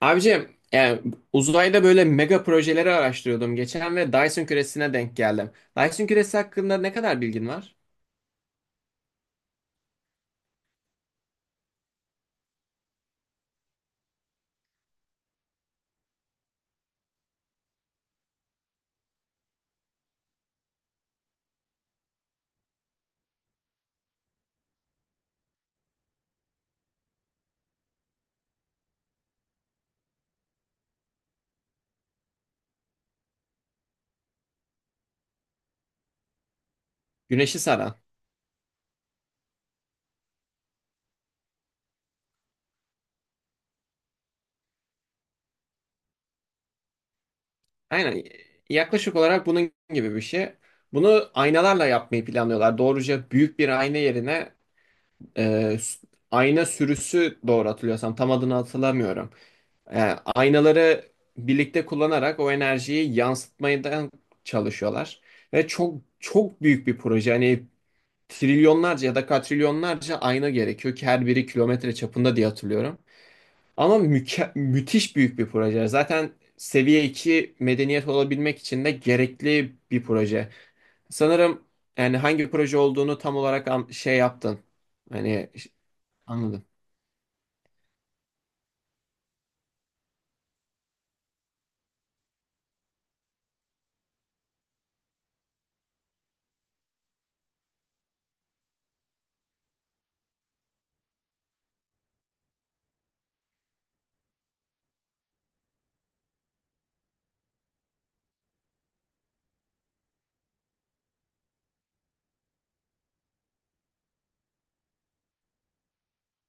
Abicim yani uzayda böyle mega projeleri araştırıyordum geçen ve Dyson küresine denk geldim. Dyson küresi hakkında ne kadar bilgin var? Güneşi saran. Aynen yaklaşık olarak bunun gibi bir şey. Bunu aynalarla yapmayı planlıyorlar. Doğruca büyük bir ayna yerine ayna sürüsü doğru hatırlıyorsam tam adını hatırlamıyorum. E, aynaları birlikte kullanarak o enerjiyi yansıtmaya da çalışıyorlar. Ve çok çok büyük bir proje. Hani trilyonlarca ya da katrilyonlarca ayna gerekiyor ki her biri kilometre çapında diye hatırlıyorum. Ama müthiş büyük bir proje. Zaten seviye 2 medeniyet olabilmek için de gerekli bir proje. Sanırım yani hangi proje olduğunu tam olarak şey yaptın. Hani ş- anladım.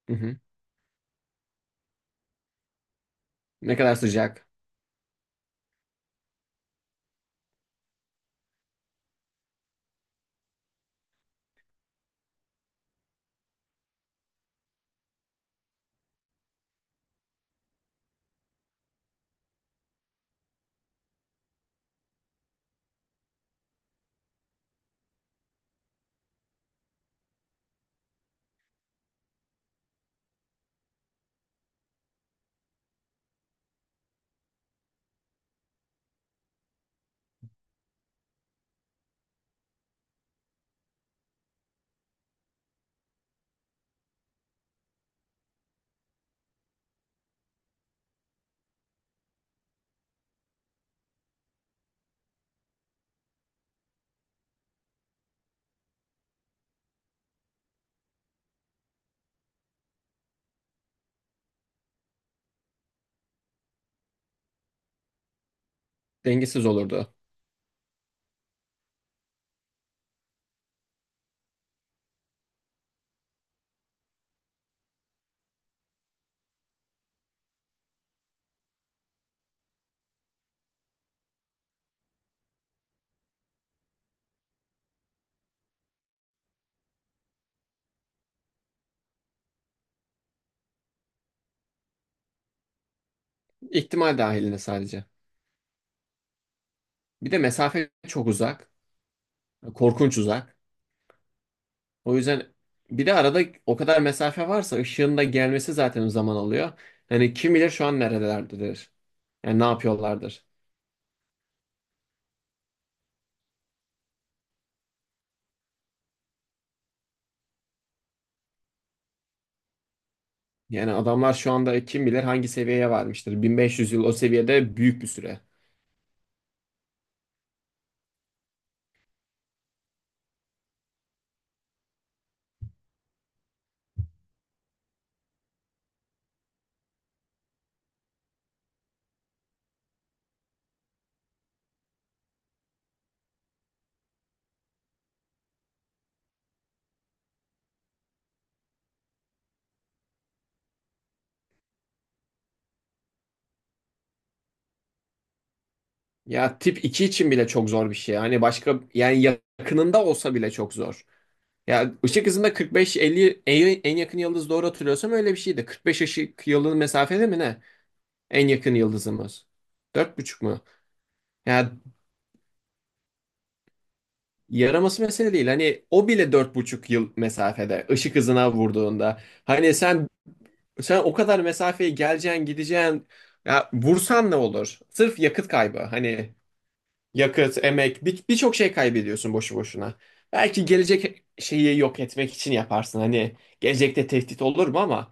Hı hı. Ne kadar sıcak. Dengesiz olurdu. İhtimal dahilinde sadece. Bir de mesafe çok uzak. Korkunç uzak. O yüzden bir de arada o kadar mesafe varsa ışığın da gelmesi zaten zaman alıyor. Hani kim bilir şu an neredelerdir. Yani ne yapıyorlardır. Yani adamlar şu anda kim bilir hangi seviyeye varmıştır. 1500 yıl o seviyede büyük bir süre. Ya tip 2 için bile çok zor bir şey. Hani başka yani yakınında olsa bile çok zor. Ya ışık hızında 45-50, en yakın yıldız doğru hatırlıyorsam öyle bir şeydi. 45 ışık yılı mesafede mi ne? En yakın yıldızımız. Dört buçuk mu? Ya, yaraması mesele değil. Hani o bile dört buçuk yıl mesafede ışık hızına vurduğunda. Hani sen o kadar mesafeye geleceksin gideceksin. Ya vursan ne olur? Sırf yakıt kaybı. Hani yakıt, emek birçok şey kaybediyorsun boşu boşuna. Belki gelecek şeyi yok etmek için yaparsın. Hani gelecekte tehdit olur mu ama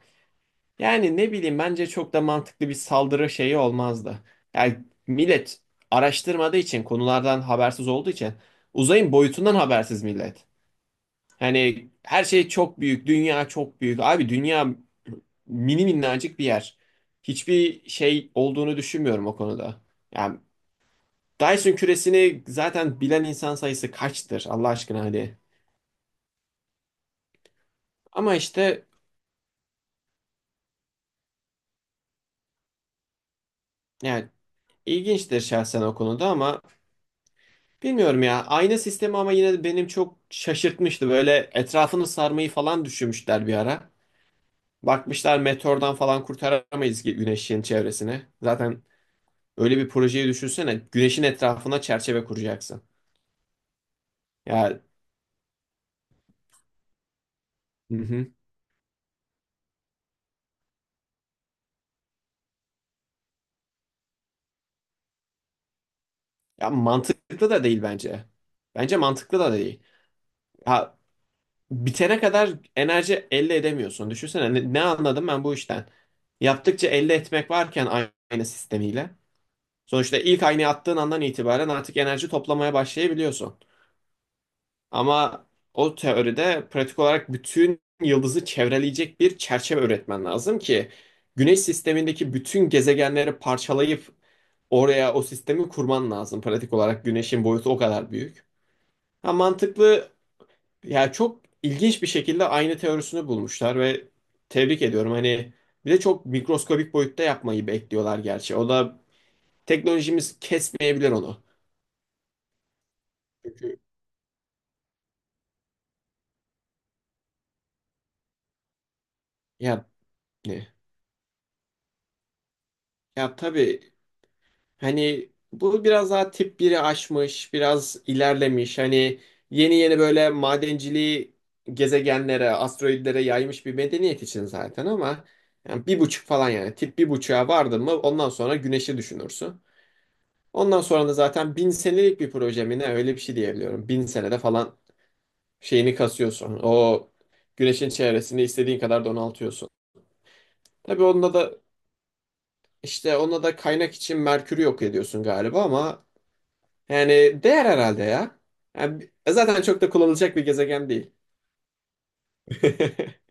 yani ne bileyim bence çok da mantıklı bir saldırı şeyi olmazdı. Yani millet araştırmadığı için konulardan habersiz olduğu için uzayın boyutundan habersiz millet. Hani her şey çok büyük, dünya çok büyük. Abi dünya mini minnacık bir yer. Hiçbir şey olduğunu düşünmüyorum o konuda. Yani Dyson küresini zaten bilen insan sayısı kaçtır Allah aşkına hadi. Ama işte yani ilginçtir şahsen o konuda ama bilmiyorum ya. Ayna sistemi ama yine de benim çok şaşırtmıştı. Böyle etrafını sarmayı falan düşünmüşler bir ara. Bakmışlar meteordan falan kurtaramayız ki güneşin çevresini. Zaten öyle bir projeyi düşünsene. Güneşin etrafına çerçeve kuracaksın. Ya, hı hı. Ya mantıklı da değil bence. Bence mantıklı da değil. Ya bitene kadar enerji elde edemiyorsun. Düşünsene ne, ne anladım ben bu işten? Yaptıkça elde etmek varken ayna sistemiyle. Sonuçta ilk aynayı attığın andan itibaren artık enerji toplamaya başlayabiliyorsun. Ama o teoride pratik olarak bütün yıldızı çevreleyecek bir çerçeve üretmen lazım ki güneş sistemindeki bütün gezegenleri parçalayıp oraya o sistemi kurman lazım. Pratik olarak güneşin boyutu o kadar büyük. Ha, mantıklı, ya çok ilginç bir şekilde aynı teorisini bulmuşlar ve tebrik ediyorum. Hani bir de çok mikroskobik boyutta yapmayı bekliyorlar gerçi. O da teknolojimiz kesmeyebilir onu. Çünkü ya ne? Ya tabii, hani bu biraz daha tip biri aşmış, biraz ilerlemiş. Hani yeni yeni böyle madenciliği gezegenlere, asteroidlere yaymış bir medeniyet için zaten ama yani bir buçuk falan yani tip bir buçuğa vardın mı ondan sonra güneşi düşünürsün. Ondan sonra da zaten bin senelik bir proje mi ne öyle bir şey diyebiliyorum. Bin senede falan şeyini kasıyorsun. O güneşin çevresini istediğin kadar donaltıyorsun. Tabii onda da işte onda da kaynak için Merkür'ü yok ediyorsun galiba ama yani değer herhalde ya. Yani zaten çok da kullanılacak bir gezegen değil.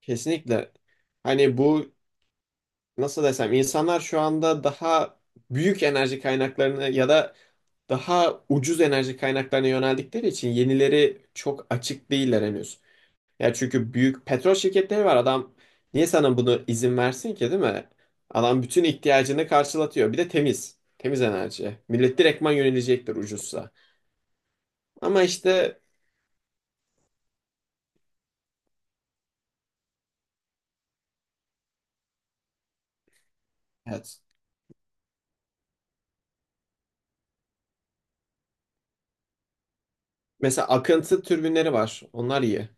Kesinlikle. Hani bu nasıl desem insanlar şu anda daha büyük enerji kaynaklarını ya da daha ucuz enerji kaynaklarına yöneldikleri için yenileri çok açık değiller henüz. Ya çünkü büyük petrol şirketleri var. Adam niye sana bunu izin versin ki değil mi? Adam bütün ihtiyacını karşılatıyor. Bir de temiz. Temiz enerji. Millet direktman yönelecektir ucuzsa. Ama işte evet. Mesela akıntı türbinleri var. Onlar iyi.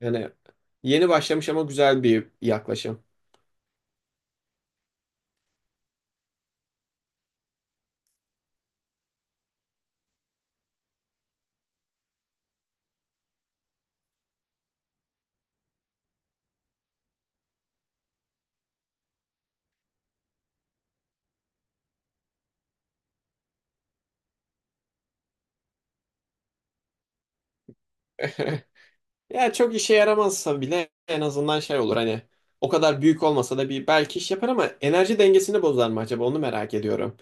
Yani yeni başlamış ama güzel bir yaklaşım. Ya çok işe yaramazsa bile en azından şey olur, hani o kadar büyük olmasa da bir belki iş yapar ama enerji dengesini bozar mı acaba onu merak ediyorum.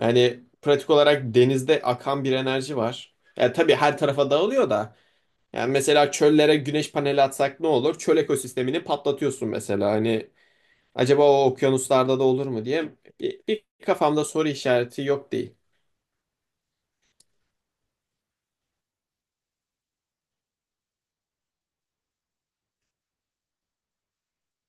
Yani pratik olarak denizde akan bir enerji var. Yani tabii her tarafa dağılıyor da. Yani mesela çöllere güneş paneli atsak ne olur? Çöl ekosistemini patlatıyorsun mesela. Hani acaba o okyanuslarda da olur mu diye bir kafamda soru işareti yok değil.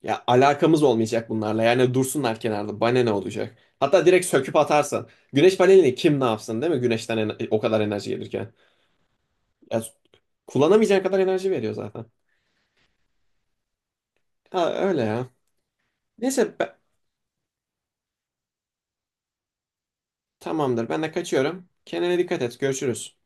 Ya alakamız olmayacak bunlarla. Yani dursunlar kenarda. Bana ne olacak? Hatta direkt söküp atarsan. Güneş panelini kim ne yapsın değil mi? Güneşten o kadar enerji gelirken. Ya kullanamayacağın kadar enerji veriyor zaten. Ha öyle ya. Neyse be- Tamamdır. Ben de kaçıyorum. Kendine dikkat et. Görüşürüz.